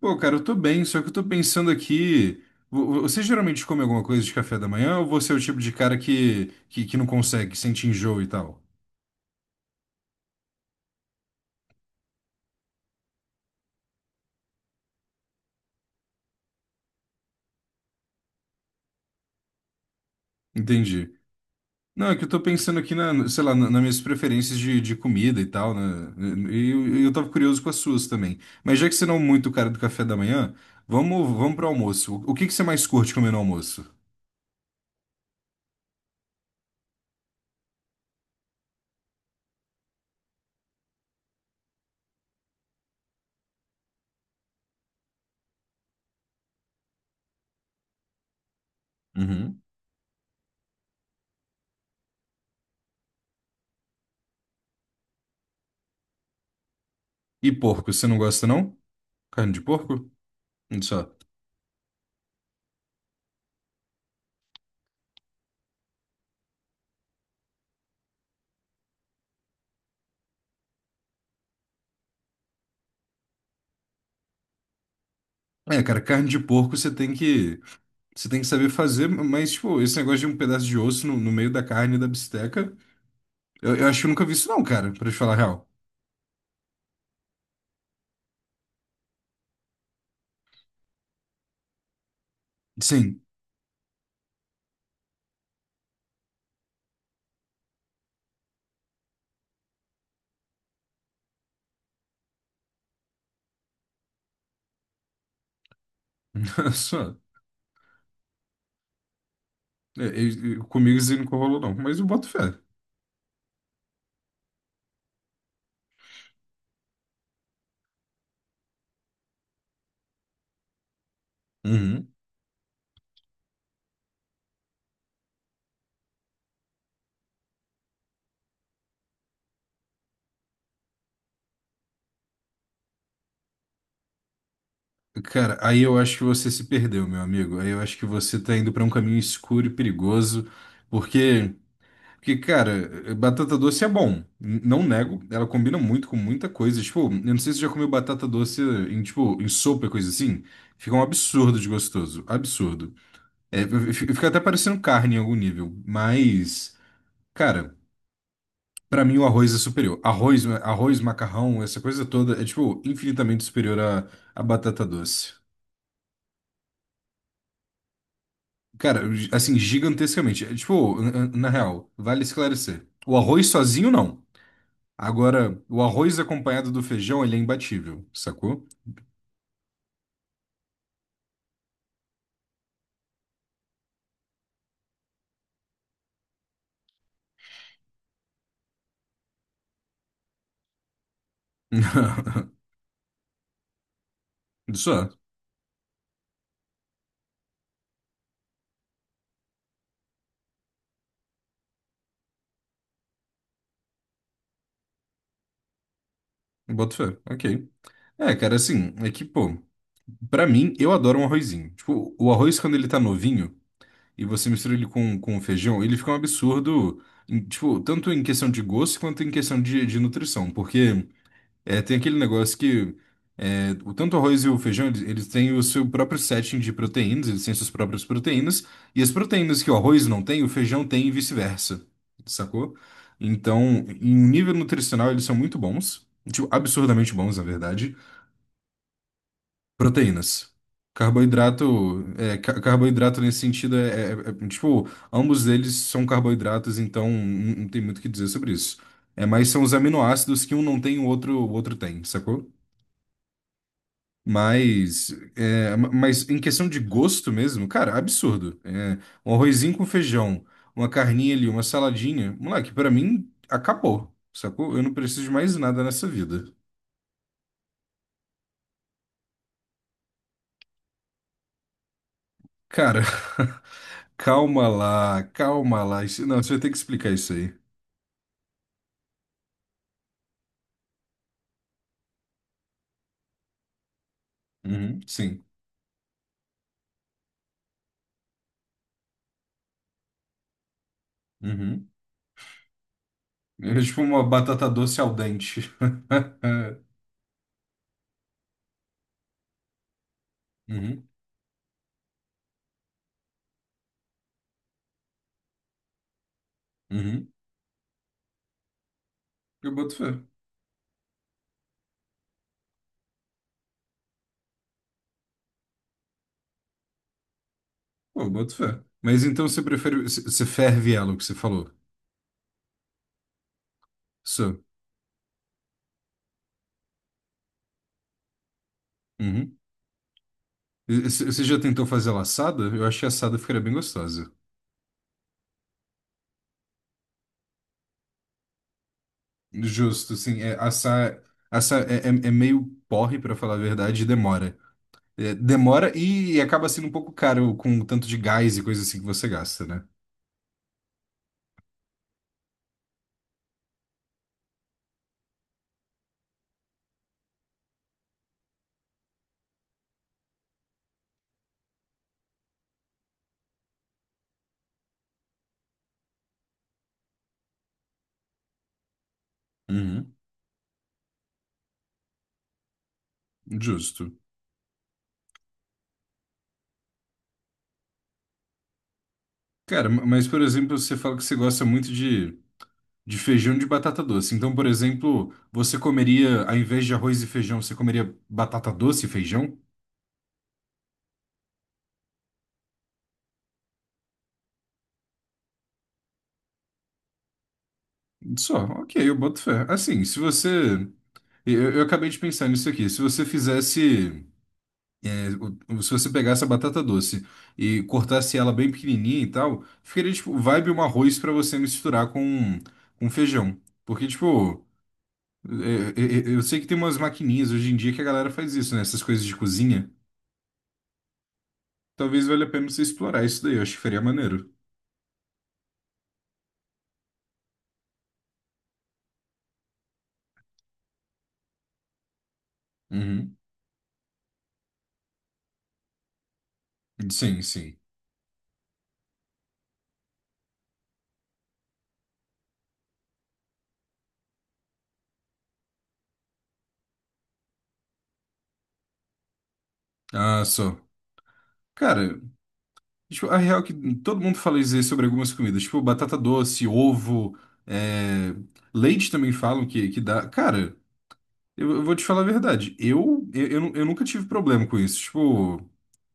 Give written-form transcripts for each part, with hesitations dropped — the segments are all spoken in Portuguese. Pô, cara, eu tô bem, só que eu tô pensando aqui. Você geralmente come alguma coisa de café da manhã ou você é o tipo de cara que não consegue, que sente enjoo e tal? Entendi. Não, é que eu tô pensando aqui na, sei lá, nas minhas preferências de comida e tal, né? E eu tava curioso com as suas também. Mas já que você não é muito o cara do café da manhã, vamos pro almoço. O que que você mais curte comer no almoço? Uhum. E porco, você não gosta, não? Carne de porco? Olha só. É, cara, carne de porco você tem que. Você tem que saber fazer, mas, tipo, esse negócio de um pedaço de osso no meio da carne da bisteca, eu acho que eu nunca vi isso não, cara, pra te falar a real. Sim, só. é, é, comigo isso aí nunca rolou não, mas eu boto fé. Uhum. Cara, aí eu acho que você se perdeu, meu amigo. Aí eu acho que você tá indo pra um caminho escuro e perigoso, porque, porque, cara, batata doce é bom. Não nego, ela combina muito com muita coisa. Tipo, eu não sei se você já comeu batata doce em, tipo, em sopa e coisa assim. Fica um absurdo de gostoso, absurdo. É, eu fico fica até parecendo carne em algum nível, mas, cara, pra mim o arroz é superior. Arroz, macarrão, essa coisa toda é, tipo, infinitamente superior à, à batata doce. Cara, assim, gigantescamente. É, tipo, na, na real, vale esclarecer. O arroz sozinho, não. Agora, o arroz acompanhado do feijão, ele é imbatível, sacou? Só, boto fé, ok. É, cara, assim, é que, pô, pra mim, eu adoro um arrozinho. Tipo, o arroz quando ele tá novinho. E você mistura ele com feijão, ele fica um absurdo, tipo, tanto em questão de gosto quanto em questão de nutrição, porque é, tem aquele negócio que é, o tanto o arroz e o feijão, eles têm o seu próprio setting de proteínas, eles têm suas próprias proteínas, e as proteínas que o arroz não tem, o feijão tem e vice-versa, sacou? Então, em um nível nutricional, eles são muito bons, tipo, absurdamente bons, na verdade. Proteínas. Carboidrato, é, carboidrato nesse sentido é, tipo, ambos eles são carboidratos, então não, não tem muito o que dizer sobre isso. É, mas são os aminoácidos que um não tem, o outro tem, sacou? Mas, é, mas em questão de gosto mesmo, cara, absurdo. É, um arrozinho com feijão, uma carninha ali, uma saladinha, moleque, pra mim acabou, sacou? Eu não preciso de mais nada nessa vida. Cara, calma lá, calma lá. Não, você vai ter que explicar isso aí. Uhum, sim. Uhum. É tipo uma batata doce al dente. Uhum, uhum. Eu boto fé. Pô, eu boto fé. Mas então você prefere. Você ferve ela, o que você falou? Isso. Uhum. Você já tentou fazer ela assada? Eu achei assada ficaria bem gostosa. Justo, sim. É, assar, assar é, é meio porre, pra falar a verdade, e demora. É, demora e acaba sendo um pouco caro com o tanto de gás e coisa assim que você gasta, né? Uhum, justo. Cara, mas por exemplo, você fala que você gosta muito de feijão de batata doce. Então, por exemplo, você comeria, ao invés de arroz e feijão, você comeria batata doce e feijão? Só, ok, eu boto fé. Assim, se você. Eu acabei de pensar nisso aqui. Se você fizesse. É, se você pegar essa batata doce e cortasse ela bem pequenininha e tal, ficaria tipo vibe um arroz pra você misturar com feijão. Porque, tipo, é, eu sei que tem umas maquininhas hoje em dia que a galera faz isso, né? Essas coisas de cozinha. Talvez valha a pena você explorar isso daí, eu acho que faria maneiro. Uhum. Sim, sim. Ah, só. Cara, tipo, a real é que todo mundo fala isso aí sobre algumas comidas, tipo batata doce, ovo, é, leite também falam que dá. Cara. Eu vou te falar a verdade. Eu nunca tive problema com isso. Tipo,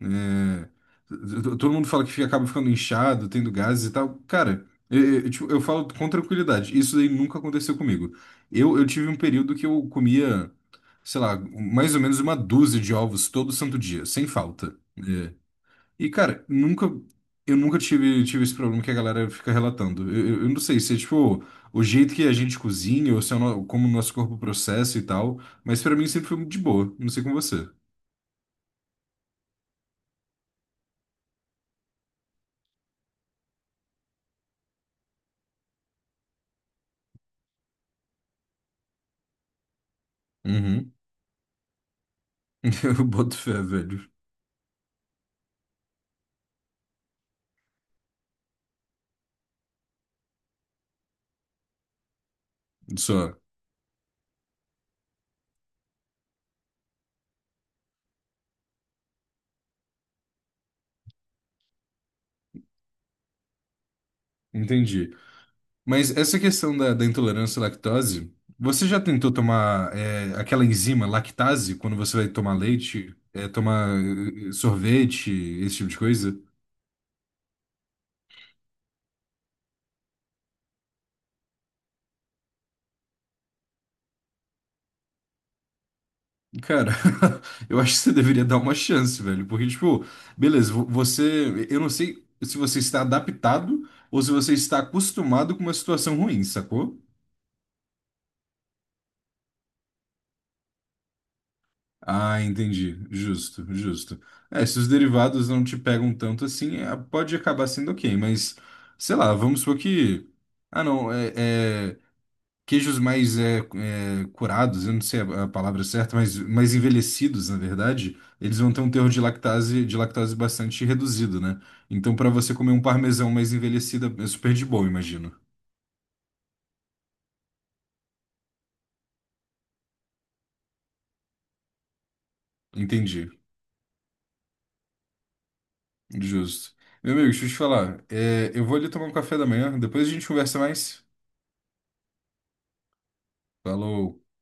é, t- todo mundo fala que acaba ficando inchado, tendo gases e tal. Cara, eu, tipo, eu falo com tranquilidade. Isso daí nunca aconteceu comigo. Eu tive um período que eu comia, sei lá, mais ou menos uma dúzia de ovos todo santo dia, sem falta. É, e, cara, nunca. Eu nunca tive, tive esse problema que a galera fica relatando. Eu não sei se é tipo o jeito que a gente cozinha ou se é o como o nosso corpo processa e tal, mas pra mim sempre foi muito de boa. Não sei com você. Uhum. Eu boto fé, velho. Só. Entendi. Mas essa questão da, da intolerância à lactose, você já tentou tomar é, aquela enzima lactase quando você vai tomar leite, é, tomar sorvete, esse tipo de coisa? Cara, eu acho que você deveria dar uma chance, velho. Porque, tipo, beleza, você. Eu não sei se você está adaptado ou se você está acostumado com uma situação ruim, sacou? Ah, entendi. Justo, justo. É, se os derivados não te pegam tanto assim, é, pode acabar sendo ok, mas sei lá, vamos supor que. Ah, não, é. É, queijos mais é, é, curados, eu não sei a palavra certa, mas mais envelhecidos, na verdade, eles vão ter um teor de lactase bastante reduzido, né? Então, para você comer um parmesão mais envelhecido, é super de boa, imagino. Entendi. Justo. Meu amigo, deixa eu te falar. É, eu vou ali tomar um café da manhã, depois a gente conversa mais. Falou.